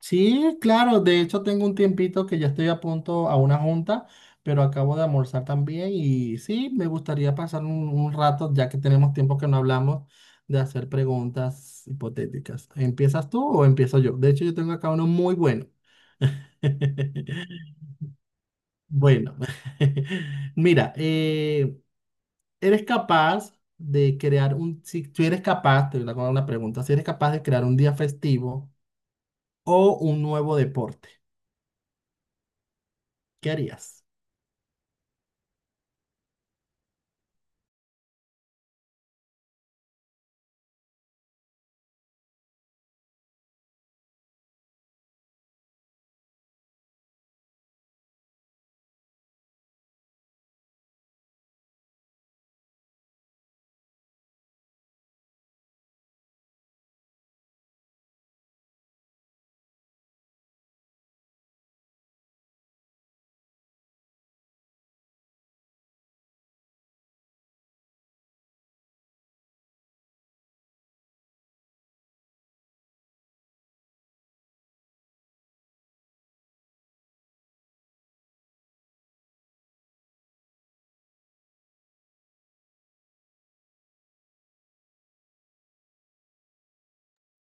Sí, claro, de hecho tengo un tiempito que ya estoy a punto a una junta, pero acabo de almorzar también y sí, me gustaría pasar un rato, ya que tenemos tiempo que no hablamos, de hacer preguntas hipotéticas. ¿Empiezas tú o empiezo yo? De hecho, yo tengo acá uno muy bueno. Bueno, mira, ¿eres capaz de crear un, si tú eres capaz, te voy a hacer una pregunta, si eres capaz de crear un día festivo o un nuevo deporte, qué harías?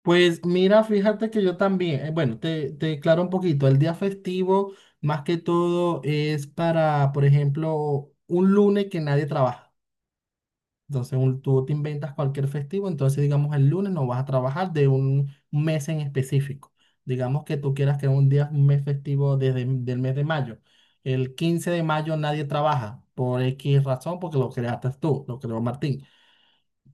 Pues mira, fíjate que yo también, bueno, te aclaro un poquito, el día festivo más que todo es para, por ejemplo, un lunes que nadie trabaja. Entonces tú te inventas cualquier festivo, entonces digamos el lunes no vas a trabajar de un mes en específico. Digamos que tú quieras que un día, un mes festivo desde el mes de mayo. El 15 de mayo nadie trabaja por X razón porque lo creaste tú, lo creó Martín.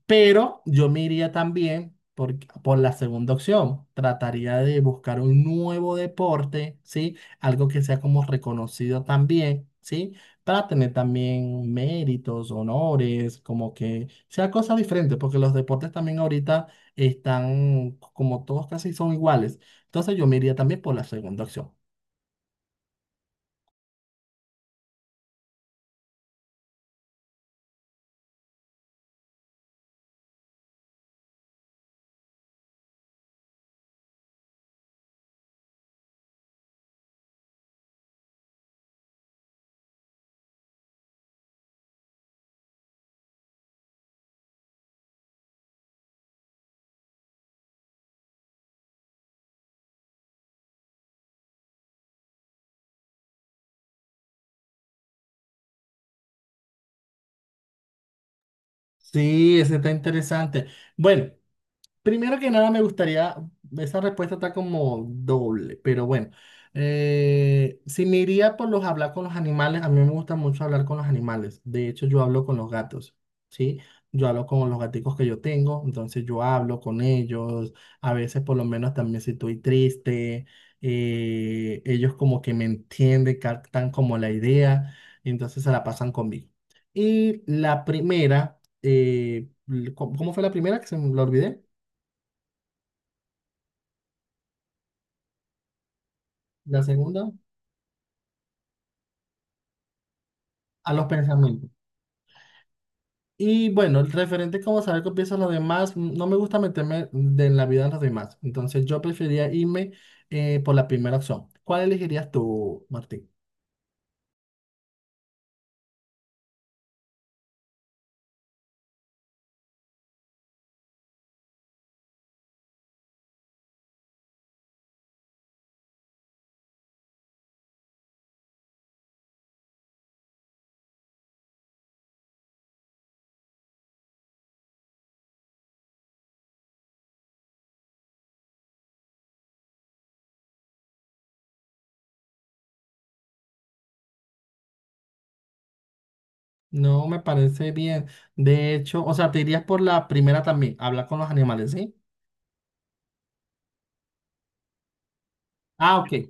Pero yo me iría también por la segunda opción. Trataría de buscar un nuevo deporte, ¿sí? Algo que sea como reconocido también, ¿sí? Para tener también méritos, honores, como que sea cosa diferente, porque los deportes también ahorita están como todos casi son iguales. Entonces yo me iría también por la segunda opción. Sí, ese está interesante. Bueno. Primero que nada, me gustaría, esa respuesta está como doble, pero bueno, si me iría por los hablar con los animales, a mí me gusta mucho hablar con los animales, de hecho yo hablo con los gatos, ¿sí? Yo hablo con los gaticos que yo tengo, entonces yo hablo con ellos, a veces por lo menos también si estoy triste, ellos como que me entienden, captan como la idea, y entonces se la pasan conmigo. Y la primera, ¿cómo fue la primera que se me la olvidé? La segunda, a los pensamientos. Y bueno, el referente como saber qué piensan los demás, mm, no me gusta meterme de la vida de los demás. Entonces yo preferiría irme por la primera opción. ¿Cuál elegirías tú, Martín? No me parece bien. De hecho, o sea, te irías por la primera también, hablar con los animales, ¿sí? Ah, ok.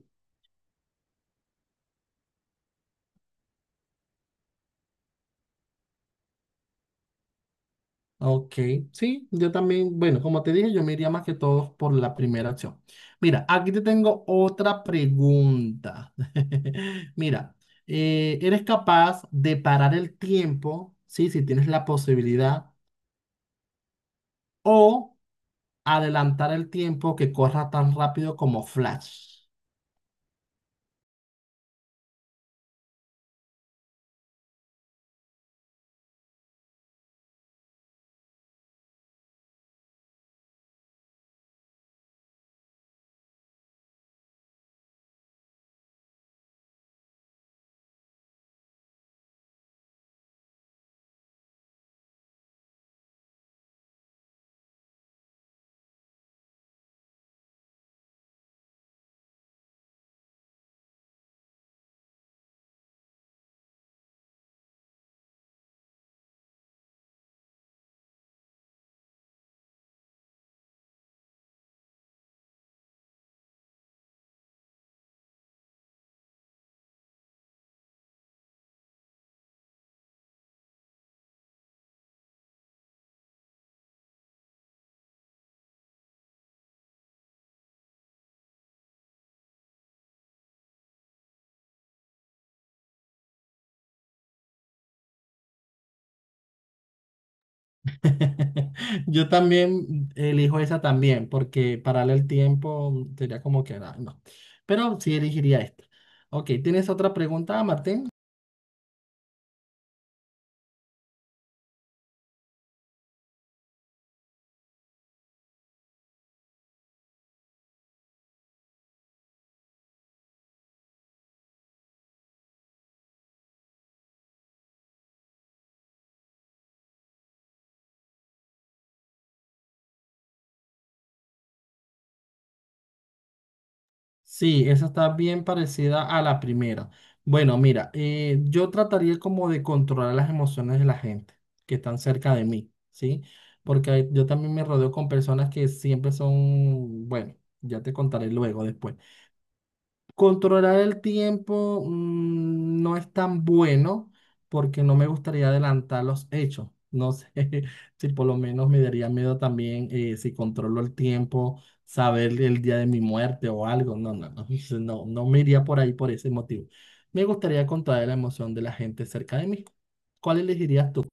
Ok, sí, yo también, bueno, como te dije, yo me iría más que todos por la primera opción. Mira, aquí te tengo otra pregunta. Mira, ¿eres capaz de parar el tiempo, sí, si tienes la posibilidad, o adelantar el tiempo que corra tan rápido como Flash? Yo también elijo esa también, porque parar el tiempo sería como que, ah, no, pero sí elegiría esta. Ok, ¿tienes otra pregunta, Martín? Sí, esa está bien parecida a la primera. Bueno, mira, yo trataría como de controlar las emociones de la gente que están cerca de mí, ¿sí? Porque yo también me rodeo con personas que siempre son, bueno, ya te contaré luego, después. Controlar el tiempo mm, no es tan bueno porque no me gustaría adelantar los hechos. No sé si por lo menos me daría miedo también si controlo el tiempo, saber el día de mi muerte o algo. No, no, no, no, no me iría por ahí por ese motivo. Me gustaría controlar la emoción de la gente cerca de mí. ¿Cuál elegirías tú?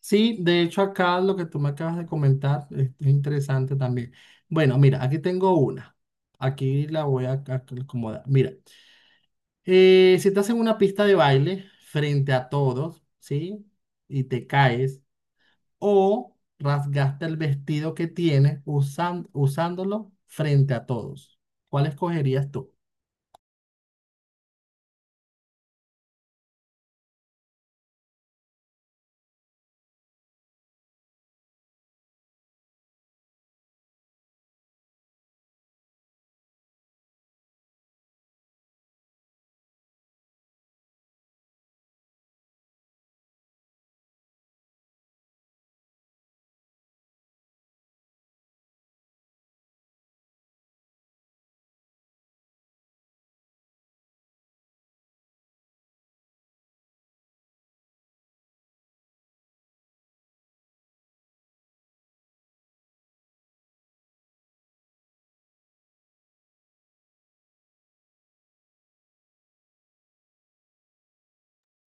Sí, de hecho acá lo que tú me acabas de comentar es interesante también. Bueno, mira, aquí tengo una. Aquí la voy a acomodar. Mira. Si estás en una pista de baile frente a todos, ¿sí? Y te caes o rasgaste el vestido que tienes usándolo frente a todos. ¿Cuál escogerías tú?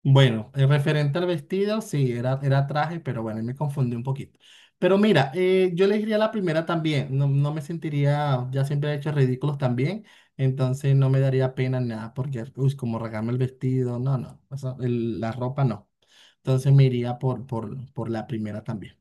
Bueno, referente al vestido, sí, era traje, pero bueno, ahí me confundí un poquito. Pero mira, yo le diría la primera también, no, no me sentiría, ya siempre he hecho ridículos también, entonces no me daría pena ni nada, porque, uy, como regarme el vestido, no, no, o sea, la ropa no. Entonces me iría por la primera también.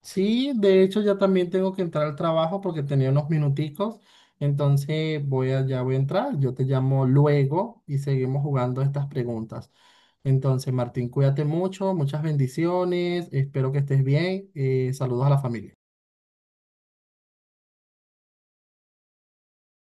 Sí, de hecho ya también tengo que entrar al trabajo porque tenía unos minuticos, entonces voy a, ya voy a entrar, yo te llamo luego y seguimos jugando estas preguntas. Entonces, Martín, cuídate mucho, muchas bendiciones, espero que estés bien, saludos a la familia.